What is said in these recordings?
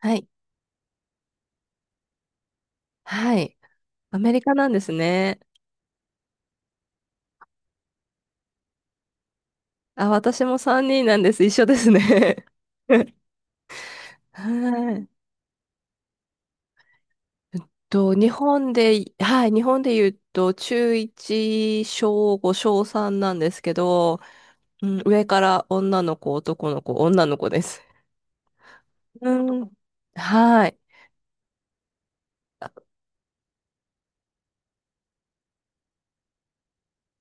はい。はい。アメリカなんですね。あ、私も3人なんです。一緒ですね。はい。えっ日本で、はい、日本で言うと、中1、小5、小3なんですけど、うん、上から女の子、男の子、女の子です。うん。はい。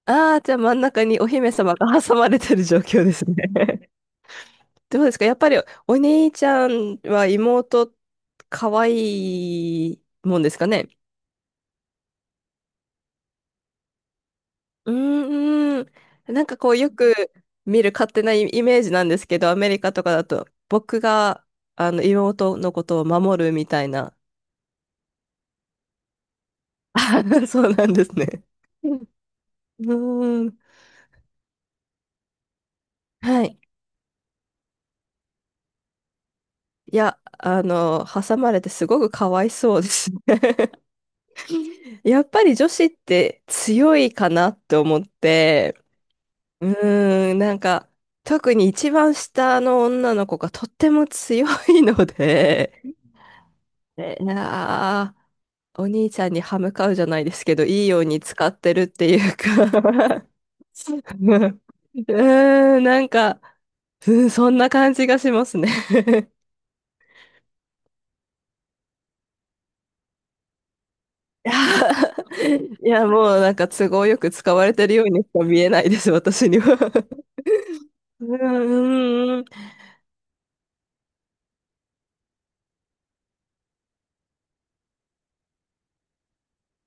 ああー、じゃあ真ん中にお姫様が 挟まれてる状況ですね。どうですかやっぱりお兄ちゃんは妹可愛いもんですかね。うーん。なんかこうよく見る勝手なイイメージなんですけど、アメリカとかだと僕があの妹のことを守るみたいな。あ そうなんですね。うんうーん。はい。いや、挟まれてすごくかわいそうですね。やっぱり女子って強いかなって思って、うーん、なんか特に一番下の女の子がとっても強いので、えーなあ、お兄ちゃんに歯向かうじゃないですけど、いいように使ってるっていうか うーん、なんか、うん、そんな感じがしますね。 いや、いやもうなんか都合よく使われてるようにしか見えないです、私には。うん、うん、うん。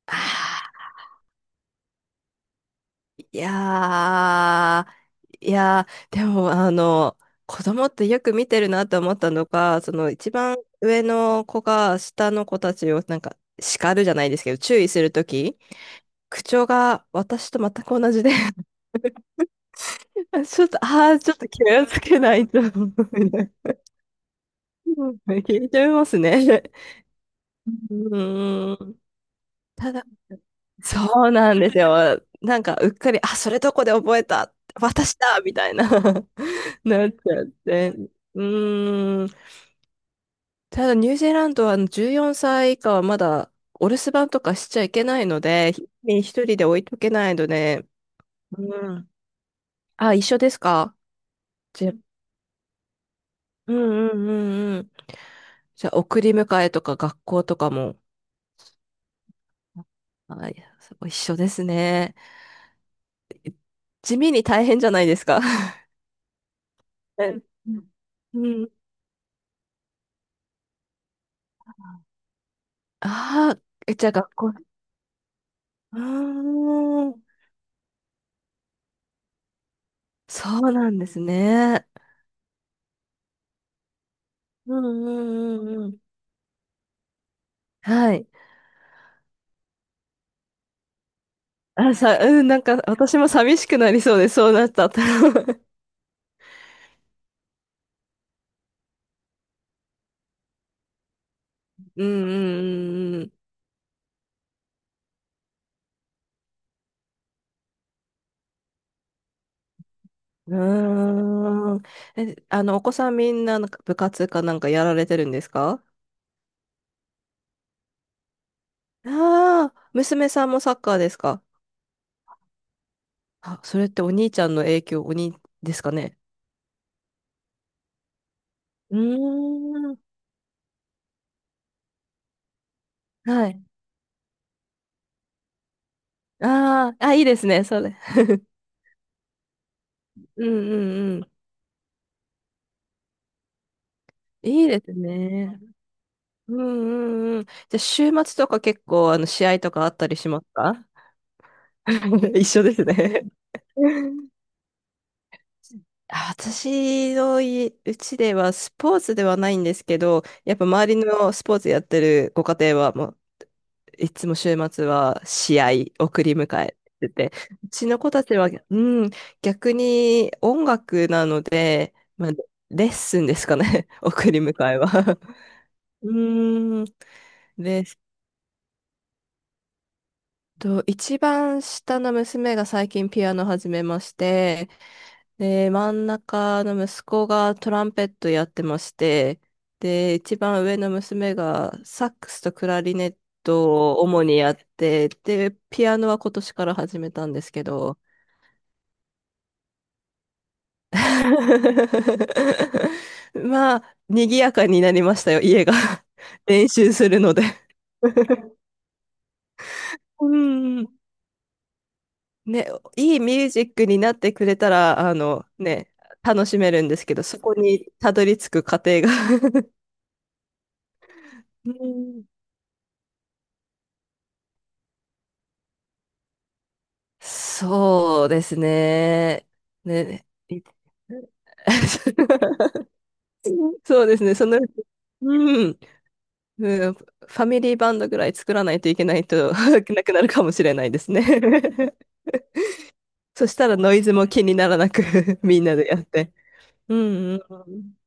あーいやーいやー、でも、子供ってよく見てるなと思ったのが、その一番上の子が下の子たちをなんか叱るじゃないですけど、注意するとき、口調が私と全く同じで ちょっと、ああ、ちょっと気をつけないと聞いち聞いてますね。うーん。ただ、そうなんですよ。なんか、うっかり、あ、それどこで覚えた私だみたいな。 なっちゃって。うーん。ただニュージーランドは14歳以下はまだお留守番とかしちゃいけないので、一人で置いとけないので、うん。あ、一緒ですか。じゃ、うんうんうんうん。じゃあ、送り迎えとか学校とかも、あ、いやそう一緒ですね。地味に大変じゃないですか。うん。うんああ、え、じゃあ学校。うーん。そうなんですね。うんうんうんうん。はい。あ、うん、なんか私も寂しくなりそうで、そうなったら。 うんうん、うん、うん。うーん。え、お子さんみんな、なんか部活かなんかやられてるんですか。ああー、娘さんもサッカーですか。あ、それってお兄ちゃんの影響、お兄ですかね。うーん。はい。ああ、あ、いいですね、それ。うんうんうん。いいですね。うんうんうん。じゃあ、週末とか結構、試合とかあったりしますか。 一緒ですね。 あ私のいうちではスポーツではないんですけど、やっぱ周りのスポーツやってるご家庭はもういつも週末は試合送り迎えてて、うちの子たちは、うん、逆に音楽なので、まあ、レッスンですかね、送り迎えは。うーん、ですと、一番下の娘が最近ピアノ始めまして、で、真ん中の息子がトランペットやってまして、で、一番上の娘がサックスとクラリネットを主にやって、で、ピアノは今年から始めたんですけど、まあ、賑やかになりましたよ、家が。練習するので。うん。ね、いいミュージックになってくれたら、あのね、楽しめるんですけど、そこにたどり着く過程が。 うんそうですね。ね。い そうですね。その、うん、うんファミリーバンドぐらい作らないといけないと なくなるかもしれないですね。そしたらノイズも気にならなく みんなでやって。うんうん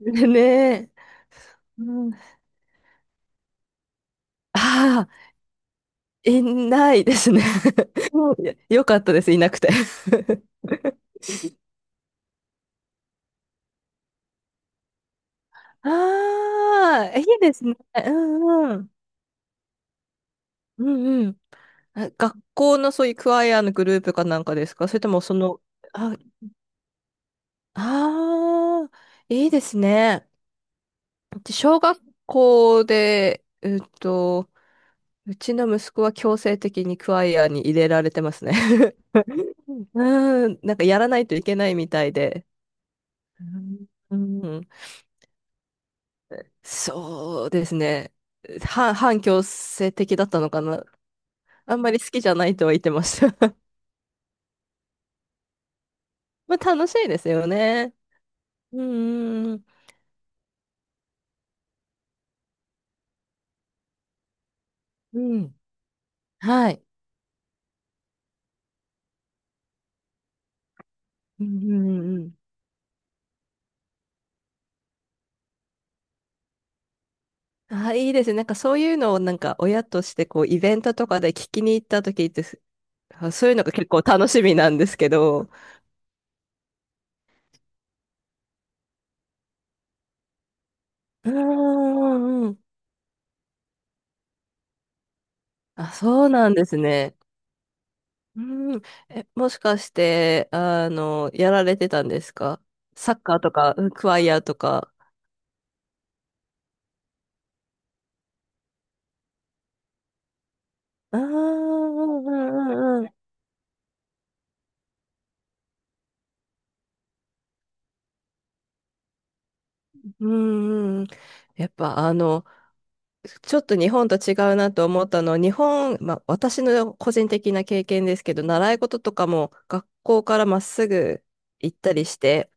うん。ねえ。うん、ああ、いないですね。もうよ かったです、いなくて。ああ、いいですね。うんうん。うんうん。あ学校のそういうクワイアのグループかなんかですかそれともその、あ、ああ、いいですね。うち小学校で、うちの息子は強制的にクワイアに入れられてますね。うん、なんかやらないといけないみたいで。うん、うんそうですね。反強制的だったのかな。あんまり好きじゃないとは言ってました。まあ楽しいですよね。うんうんうん。うん。はい。うんうんうんうん。あ、いいですね。なんかそういうのをなんか親としてこうイベントとかで聞きに行った時ってす、あそういうのが結構楽しみなんですけど。うんうんうん。あ、そうなんですね。うん。え、もしかして、やられてたんですか。サッカーとか、うんクワイアとか。ああ、うんうんうんうん。うんうんうん。やっぱあの、ちょっと日本と違うなと思ったのは、日本、まあ、私の個人的な経験ですけど、習い事とかも学校からまっすぐ行ったりして、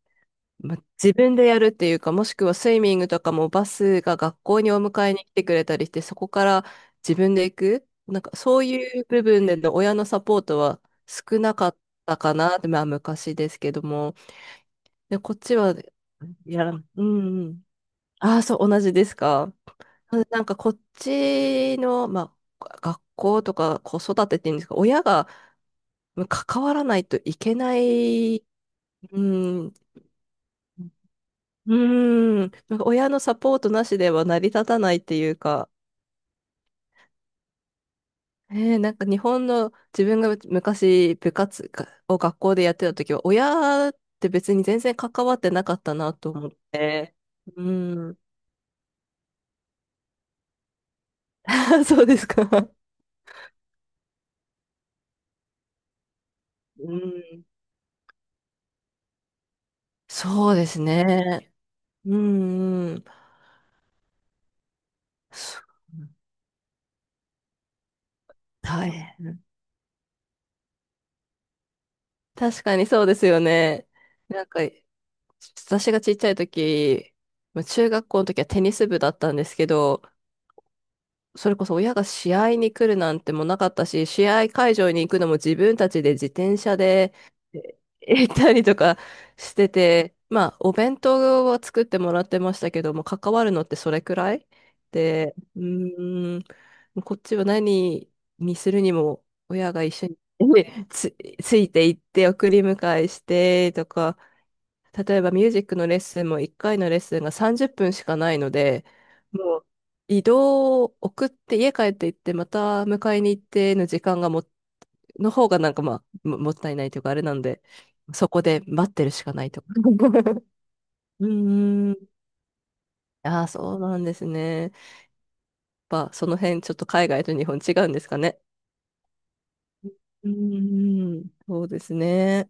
まあ、自分でやるっていうか、もしくはスイミングとかもバスが学校にお迎えに来てくれたりして、そこから自分で行く、なんかそういう部分での親のサポートは少なかったかなって、まあ昔ですけども、で、こっちは、やら、うんうん。ああ、そう、同じですか。なんかこっちの、まあ、が学校とか子育てっていうんですか、親がうん関わらないといけない、うん、うーん、なんか親のサポートなしでは成り立たないっていうか、えーなんか日本の自分が昔部活を学校でやってた時は、親って別に全然関わってなかったなと思って、うん、そうですか。うん、そうですね。うんうん。そう大変。確かにそうですよね。なんか、私がちっちゃい時、まあ中学校の時はテニス部だったんですけど、それこそ親が試合に来るなんてもなかったし、試合会場に行くのも自分たちで自転車でえ行ったりとかしてて、まあ、お弁当は作ってもらってましたけども、関わるのってそれくらいで、うーん、こっちは何にするにも親が一緒に つ、ついて行って送り迎えしてとか、例えばミュージックのレッスンも1回のレッスンが30分しかないので、もう移動を送って家帰って行ってまた迎えに行っての時間がも、の方がなんかまあもったいないというかあれなんで、そこで待ってるしかないとか。うーん。ああ、そうなんですね。やっぱその辺ちょっと海外と日本違うんですかね。うーん。そうですね。